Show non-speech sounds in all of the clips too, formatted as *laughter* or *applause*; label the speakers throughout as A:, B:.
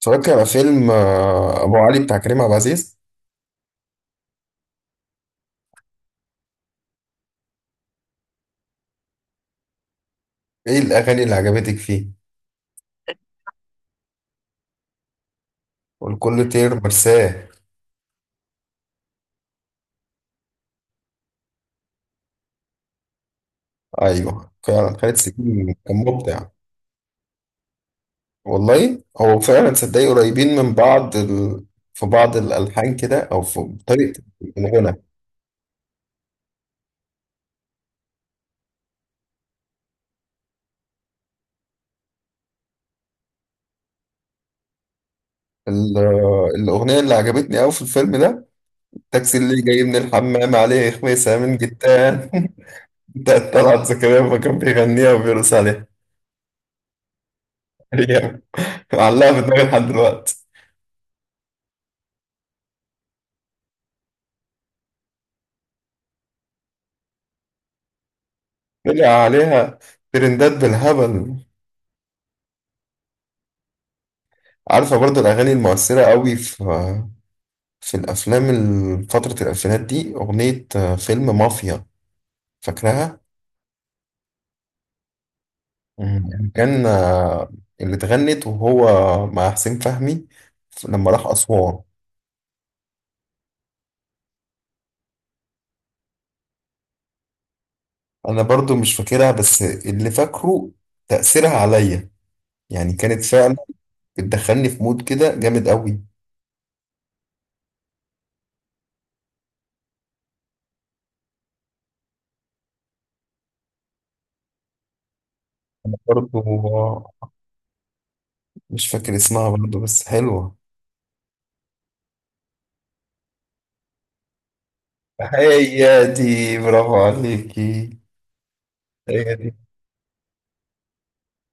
A: اتفرجت على فيلم أبو علي بتاع كريم عبد العزيز. إيه الأغاني اللي عجبتك فيه؟ والكل طير مرساه. أيوه فعلا خالد سليم كان مبدع. والله هو فعلا صدقني قريبين من بعض في بعض الألحان كده أو في طريقة الغنى. الأغنية اللي عجبتني أوي في الفيلم ده التاكسي اللي جاي من الحمام عليه خميسة من جتان *laughs* بتاعت طلعت زكريا ما كان بيغنيها وبيرقص عليها. هي معلقة في دماغي لحد دلوقتي. طلع عليها ترندات بالهبل. عارفة برضه الأغاني المؤثرة قوي في الأفلام فترة الألفينات دي أغنية فيلم مافيا. فاكرها؟ كان اللي اتغنت وهو مع حسين فهمي لما راح أسوان. أنا برضه مش فاكرها بس اللي فاكره تأثيرها عليا، يعني كانت فعلا بتدخلني في مود كده جامد قوي. أنا برضه مش فاكر اسمها برضه بس حلوة. هي دي، برافو عليكي. هي دي.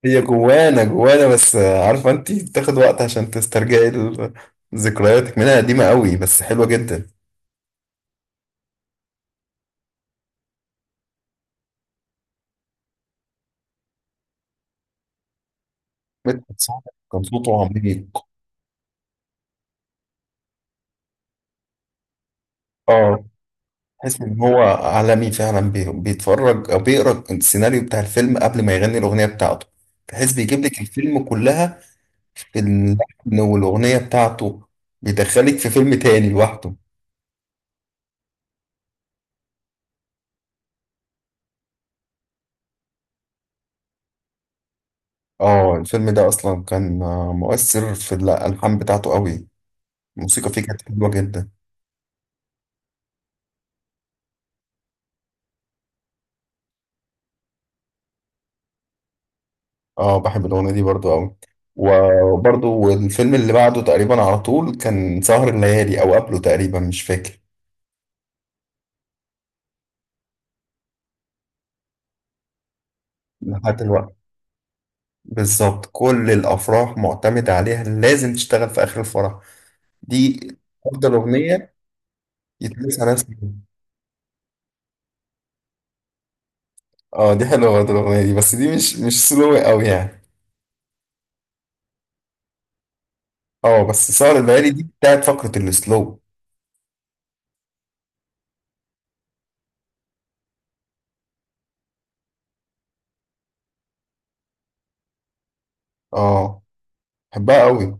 A: هي جوانا جوانا، بس عارفة انت بتاخد وقت عشان تسترجعي ذكرياتك منها قديمة قوي بس حلوة جدا. مدحت صالح كان صوته عميق. اه، تحس ان هو عالمي فعلا بيتفرج او بيقرا السيناريو بتاع الفيلم قبل ما يغني الاغنية بتاعته. تحس بيجيب لك الفيلم كلها باللحن والاغنية بتاعته. بيدخلك في فيلم تاني لوحده. اه، الفيلم ده اصلا كان مؤثر في الالحان بتاعته قوي. الموسيقى فيه كانت حلوه جدا. اه، بحب الاغنيه دي برضو قوي، وبرضو الفيلم اللي بعده تقريبا على طول كان سهر الليالي او قبله تقريبا مش فاكر. لحد دلوقتي بالظبط كل الافراح معتمده عليها، لازم تشتغل في اخر الفرح. دي افضل اغنيه يتلبس عليها سلو. اه، دي حلوه برضو الاغنيه دي، بس دي مش سلو قوي يعني. اه بس سهر الليالي دي بتاعت فقره السلو. اه بحبها قوي.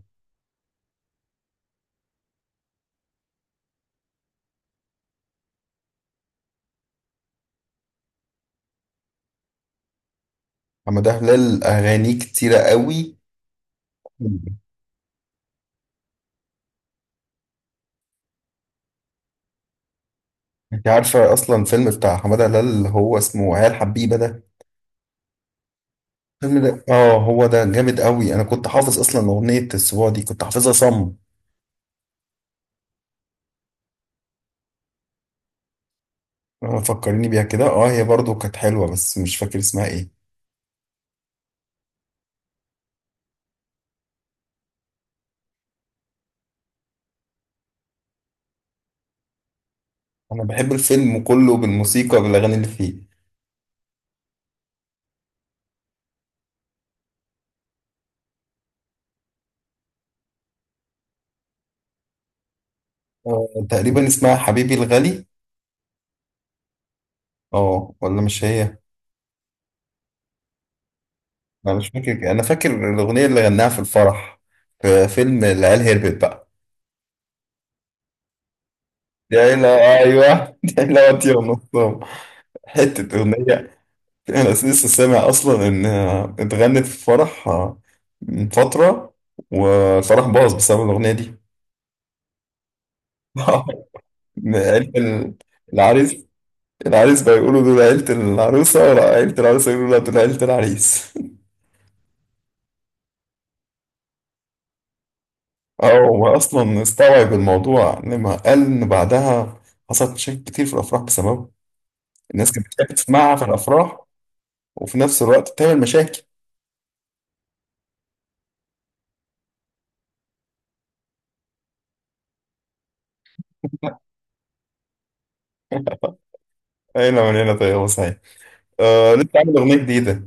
A: حمادة هلال أغانيه كتيرة قوي. أنت عارفة أصلا الفيلم بتاع حمادة هلال اللي هو اسمه عيال حبيبة ده؟ الفيلم ده هو ده جامد قوي، أنا كنت حافظ أصلا أغنية السبوع دي، كنت حافظها صم. فكرني بيها كده، هي برضو كانت حلوة بس مش فاكر اسمها إيه. أنا بحب الفيلم كله بالموسيقى بالأغاني اللي فيه. تقريبا اسمها حبيبي الغالي. ولا مش هي. أنا مش فاكر، أنا فاكر الأغنية اللي غناها في الفرح في فيلم العيال هربت بقى. يا إلى. أيوه *laughs* يا إلى وطي ونصام. حتة أغنية. أنا لسه سامع أصلا إن اتغنت في فرح من فترة، والفرح باظ بسبب الأغنية دي. *laughs* عيلة العريس. العريس بقى يقولوا دول عيلة العروسة، ولا عيلة العروسة يقولوا لا دول عيلة العريس. *laughs* اه، هو أصلا استوعب الموضوع لما قال إن بعدها حصلت مشاكل كتير في الأفراح بسببه. الناس كانت بتحب تسمعها في الأفراح وفي نفس الوقت بتعمل مشاكل. أين من هنا طيب. يا. آه، لسه عامل أغنية جديدة.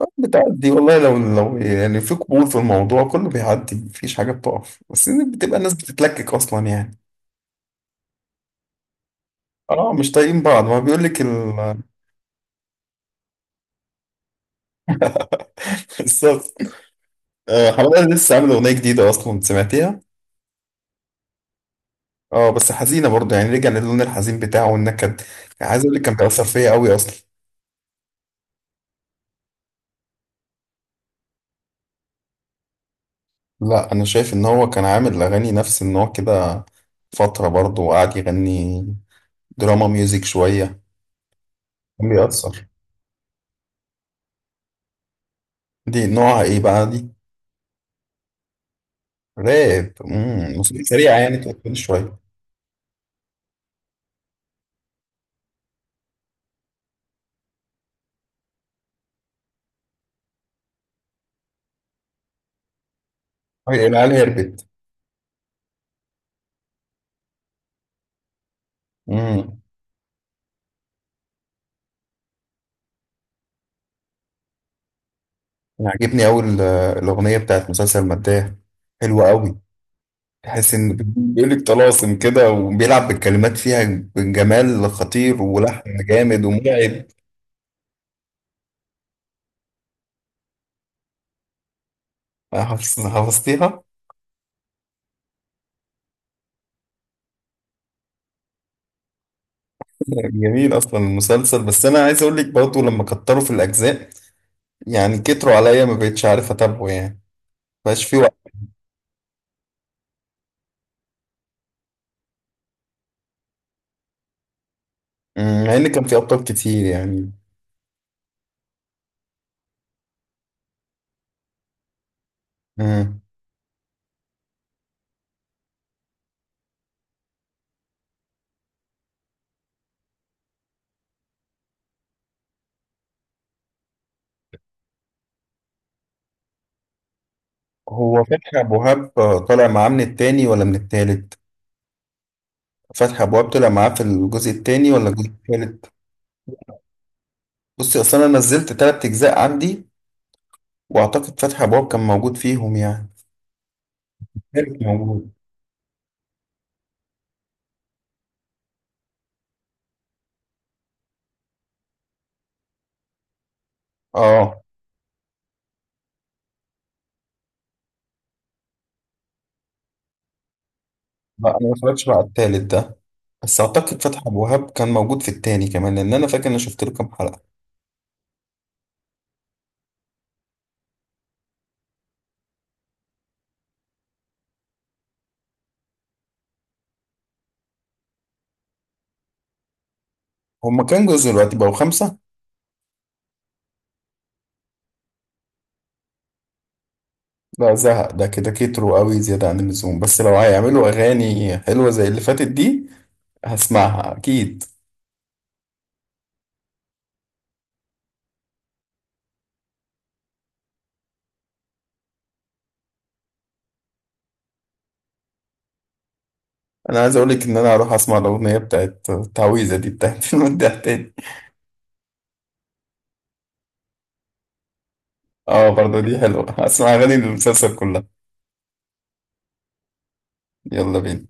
A: آه، بتعدي والله، لو يعني في قبول في الموضوع كله بيعدي، مفيش حاجة بتقف، بس إن بتبقى الناس بتتلكك أصلا يعني. اه، مش طايقين بعض ما بيقول لك *laughs* الصف. آه، حمادة لسه عامل أغنية جديدة أصلا، سمعتيها؟ اه بس حزينة برضه، يعني رجع للون الحزين بتاعه والنكد. يعني عايز أقول لك كان بيأثر فيا أوي أصلا. لا، أنا شايف إن هو كان عامل أغاني نفس النوع كده فترة برضه، وقعد يغني دراما ميوزك شوية. كان بيأثر. دي نوعها إيه بقى دي؟ راب. موسيقى سريعة يعني تقفل شوية. أه، العيال هربت. امم. عاجبني أوي الأغنية بتاعت مسلسل مداح، حلوة أوي. تحس إن بيقول لك طلاسم كده وبيلعب بالكلمات فيها بجمال خطير ولحن جامد ومرعب. حفظتيها؟ جميل أصلا المسلسل، بس أنا عايز أقول لك برضه لما كتروا في الأجزاء، يعني كتروا عليا ما بقتش عارف أتابعه يعني، مبقاش في وقت. مع إن كان في أبطال كتير يعني. مم. هو فتحي أبو وهاب طالع معاه من التاني ولا من التالت؟ فتحي أبو وهاب طلع معاه في الجزء التاني ولا الجزء التالت؟ بصي، أصل أنا نزلت تلات أجزاء عندي، وأعتقد فتحي أبو وهاب كان موجود فيهم يعني. التالت موجود. آه، لا أنا ما اتفرجتش بقى على التالت ده، بس أعتقد فتحي أبو وهاب كان موجود في التاني كمان، لأن أنا فاكر إن أنا شفت له كام حلقة. هما كام جزء دلوقتي، بقوا خمسة؟ لا، زهق ده كده، كتروا قوي زيادة عن اللزوم، بس لو هيعملوا أغاني حلوة زي اللي فاتت دي هسمعها أكيد. انا عايز اقولك ان انا هروح اسمع الاغنيه بتاعت التعويذه دي بتاعت *laughs* المداح تاني. اه، برضه دي حلوه، هسمع اغاني المسلسل كلها. يلا بينا.